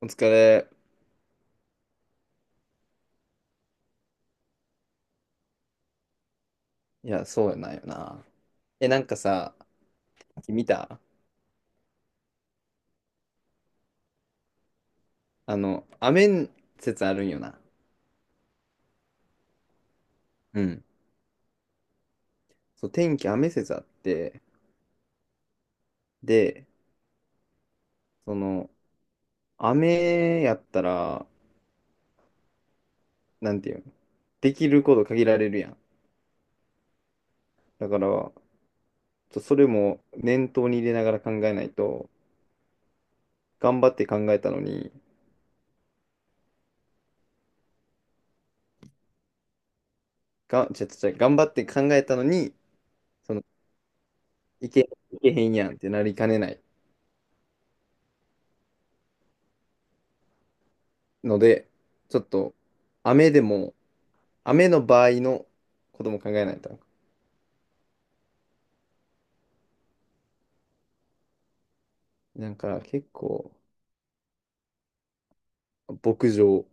お疲れ。いや、そうやないよな。え、なんかさ、見た？雨説あるんよな。うん。そう、天気雨説あって、で、その、雨やったら、なんていうの、できること限られるやん。だから、ちょっとそれも念頭に入れながら考えないと、頑張って考えたのに、が、ちゃちょ、ちょ頑張って考えたのに、その、いけへんやんってなりかねないので、ちょっと、雨でも、雨の場合のことも考えないと。なんか結構、牧場、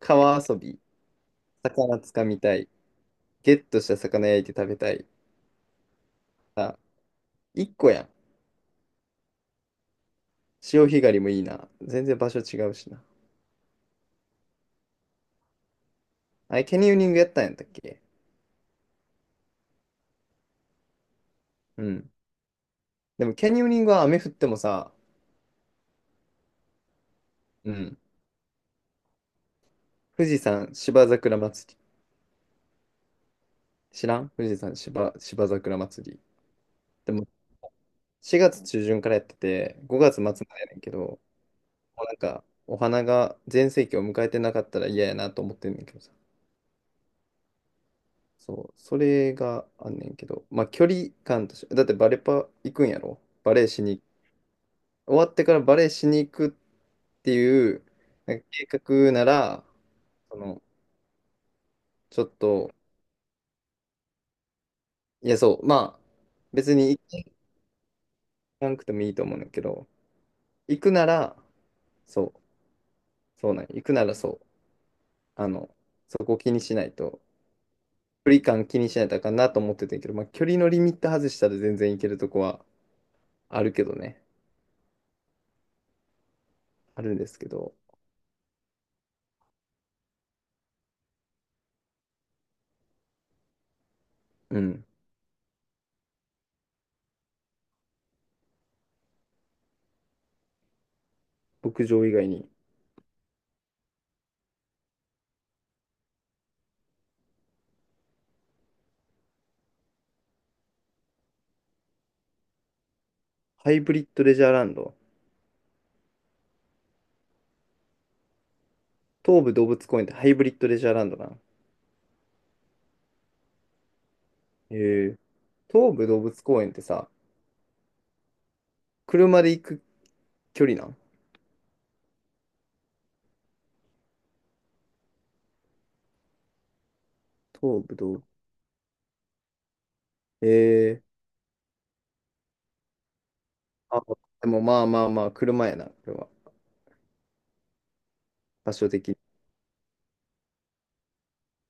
川遊び、魚つかみたい、ゲットした魚焼いて食べたい。あ、一個やん。潮干狩りもいいな。全然場所違うしな。あれ、キャニオニングやったんやったっけ？うん。でもキャニオニングは雨降ってもさ、うん。富士山芝桜祭り。知らん富士山芝桜祭り。でも4月中旬からやってて、5月末までやねんけど、もうなんか、お花が全盛期を迎えてなかったら嫌やなと思ってんねんけどさ。そう、それがあんねんけど、まあ距離感として、だってバレパ行くんやろバレーしに、終わってからバレーしに行くっていう、なんか計画なら、その、ちょっと、いやそう、まあ、別に行かなくてもいいと思うんだけど、行くなら、そう、そうなんよ行くならそう、あの、そこを気にしないと、距離感気にしないとあかんなと思ってたんやけど、まあ、距離のリミット外したら全然いけるとこはあるけどね。あるんですけど、うん。牧場以外に。ハイブリッドレジャーランド。東武動物公園ってハイブリッドレジャーランドなん？へえ。東武動物公園ってさ、車で行く距離なん？東武動へえ。あ、でもまあまあまあ、車やな、これは。場所的に。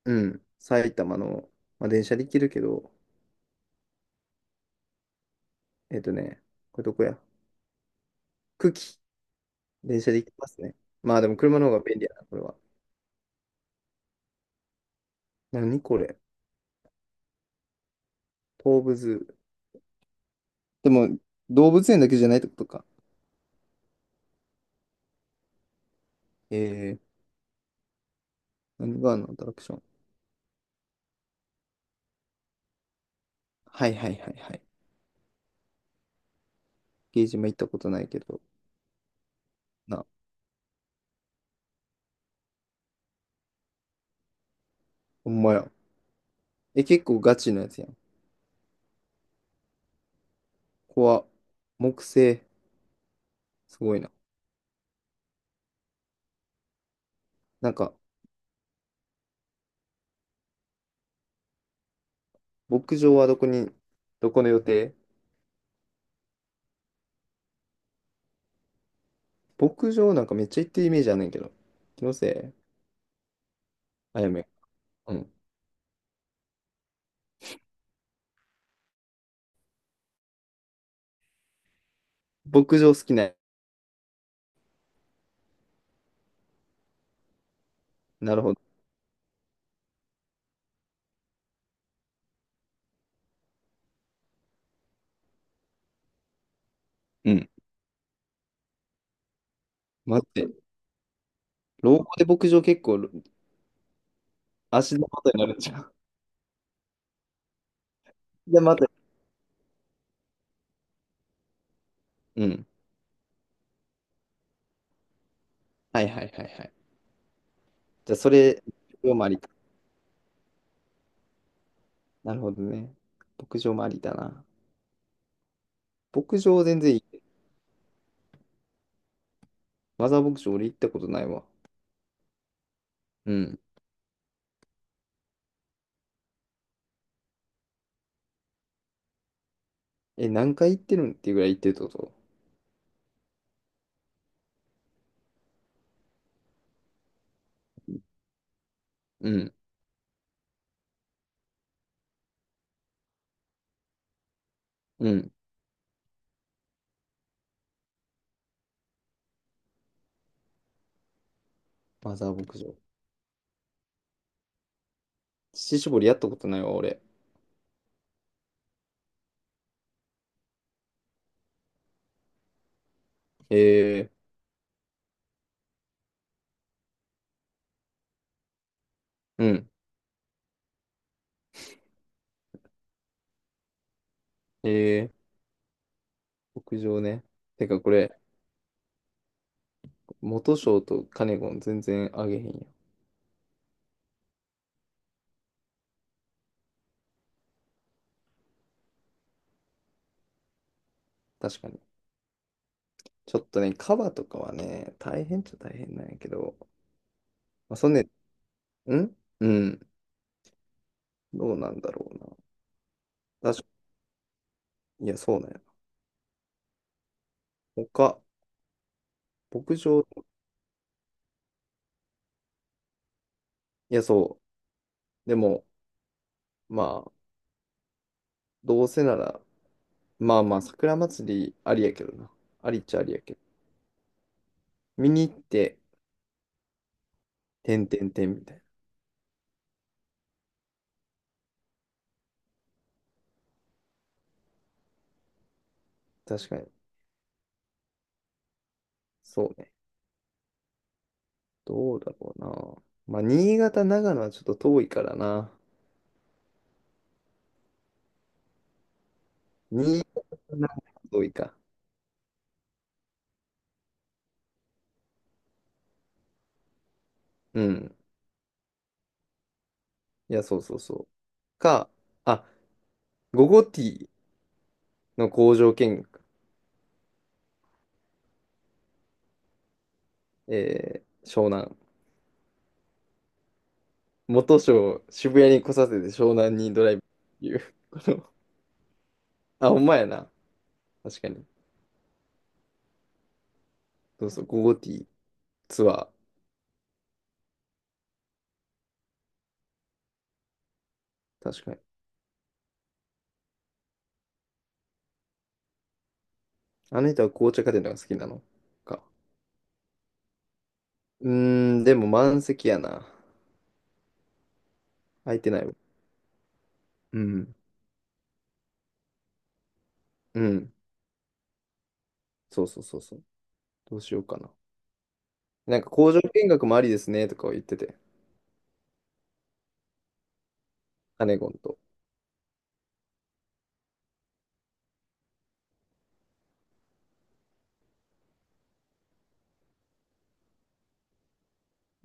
うん。埼玉の、まあ、電車で行けるけど、えっとね、これどこや？久喜。電車で行きますね。まあでも車の方が便利やな、これは。何これ？東武ズー。でも、動物園だけじゃないってことか。えー、何があるの？アトラクション。はいはいはいはい。ゲージも行ったことないけど。な、ほんまや。え、結構ガチのやつやん。ここは、木製。すごいな。なんか、牧場はどこに、どこの予定？牧場なんかめっちゃ行ってるイメージあんねんけど。気のせい？あやめ。うん。牧場好きな。なるほど。うん。待って。老後で牧場結構足で元になるじゃん。で、また、うん。はいはいはいはい。じゃあ、それ、牧場もあり、なるほどね。牧場もありだな。牧場全然いい。マザー牧場俺行ったことないわ。うん。え、何回行ってるんっていうぐらい行ってるってこと？うん。うん。マザー牧場。乳搾りやったことないわ、俺。えー、うん。え牧場ね。てか、これ、元賞とカネゴン全然あげへんよ。確かに。ちょっとね、カバとかはね、大変っちゃ大変なんやけど、まあ、そんねん、うん。どうなんだろうな。いや、そうなんやな。他、牧場、いや、そう。でも、まあ、どうせなら、まあまあ、桜祭りありやけどな。ありっちゃありやけど。見に行って、てんてんてんみたいな。確かに。そうね。どうだろうな。まあ、新潟、長野はちょっと遠いからな。新潟、長野は遠いか。うん。いや、そうそうそう。か、あ、ゴゴティーの工場見学、湘南。元章、渋谷に来させて湘南にドライブっていう。あ、ほんまやな。確かに。そうそう、ゴゴティーツアー。確かに。あの人は紅茶家電のが好きなのか？うーん、でも満席やな。空いてないわ。うん。うん。そうそうそうそう。どうしようかな。なんか工場見学もありですねとかを言ってて。カネゴンと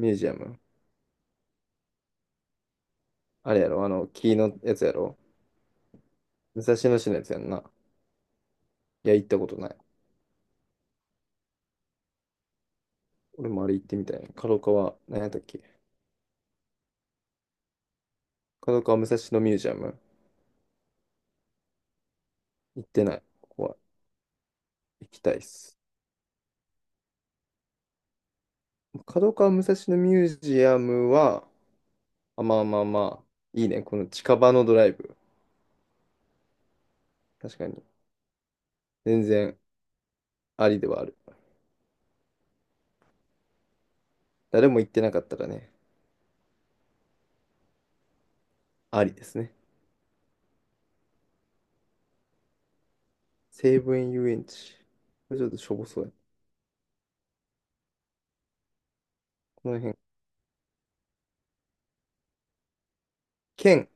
ミュージアム。あれやろ、木のやつやろ。武蔵野市のやつやんな。いや、行ったことない。俺もあれ行ってみたいな。角川、何やったっけ？角川武蔵野ミュージアム。行ってない。ここは行きたいっす。角川武蔵野ミュージアムは、あ、まあまあまあ、いいね。この近場のドライブ。確かに。全然ありではある。誰も行ってなかったらね、ありですね。西武園遊園地。これちょっとしょぼそうや。この辺。県。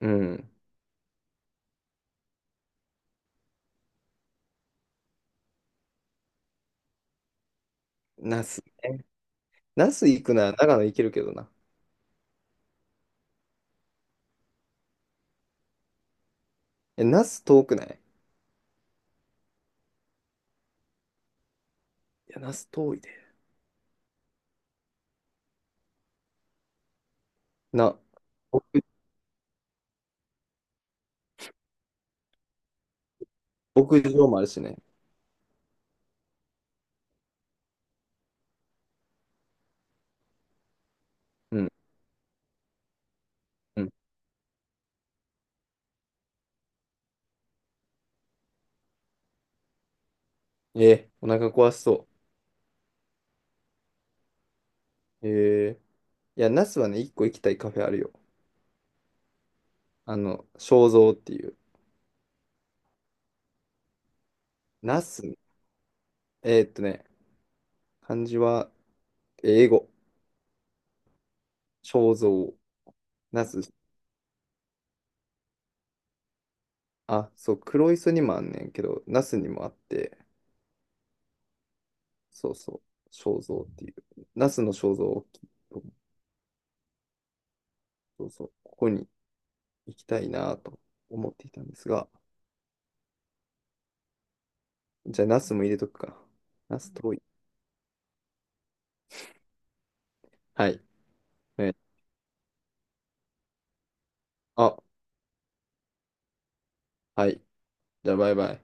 うん。那須ね。那須行くなら長野行けるけどな。え、那須遠くない？いや、那須遠いで。な、牧牧場もあるしね。うん。うん。お腹壊しそう。いや、ナスはね、一個行きたいカフェあるよ。肖像っていう。ナスね、えーっとね、漢字は英語。肖像。ナス、あ、そう、黒磯にもあんねんけど、ナスにもあって、そうそう、肖像っていう。ナスの肖像大きいと思う。そうそう、ここに行きたいなと思っていたんですが、じゃあナスも入れとくか。ナス遠い。はい。ね、あ、はい。じゃあバイバイ。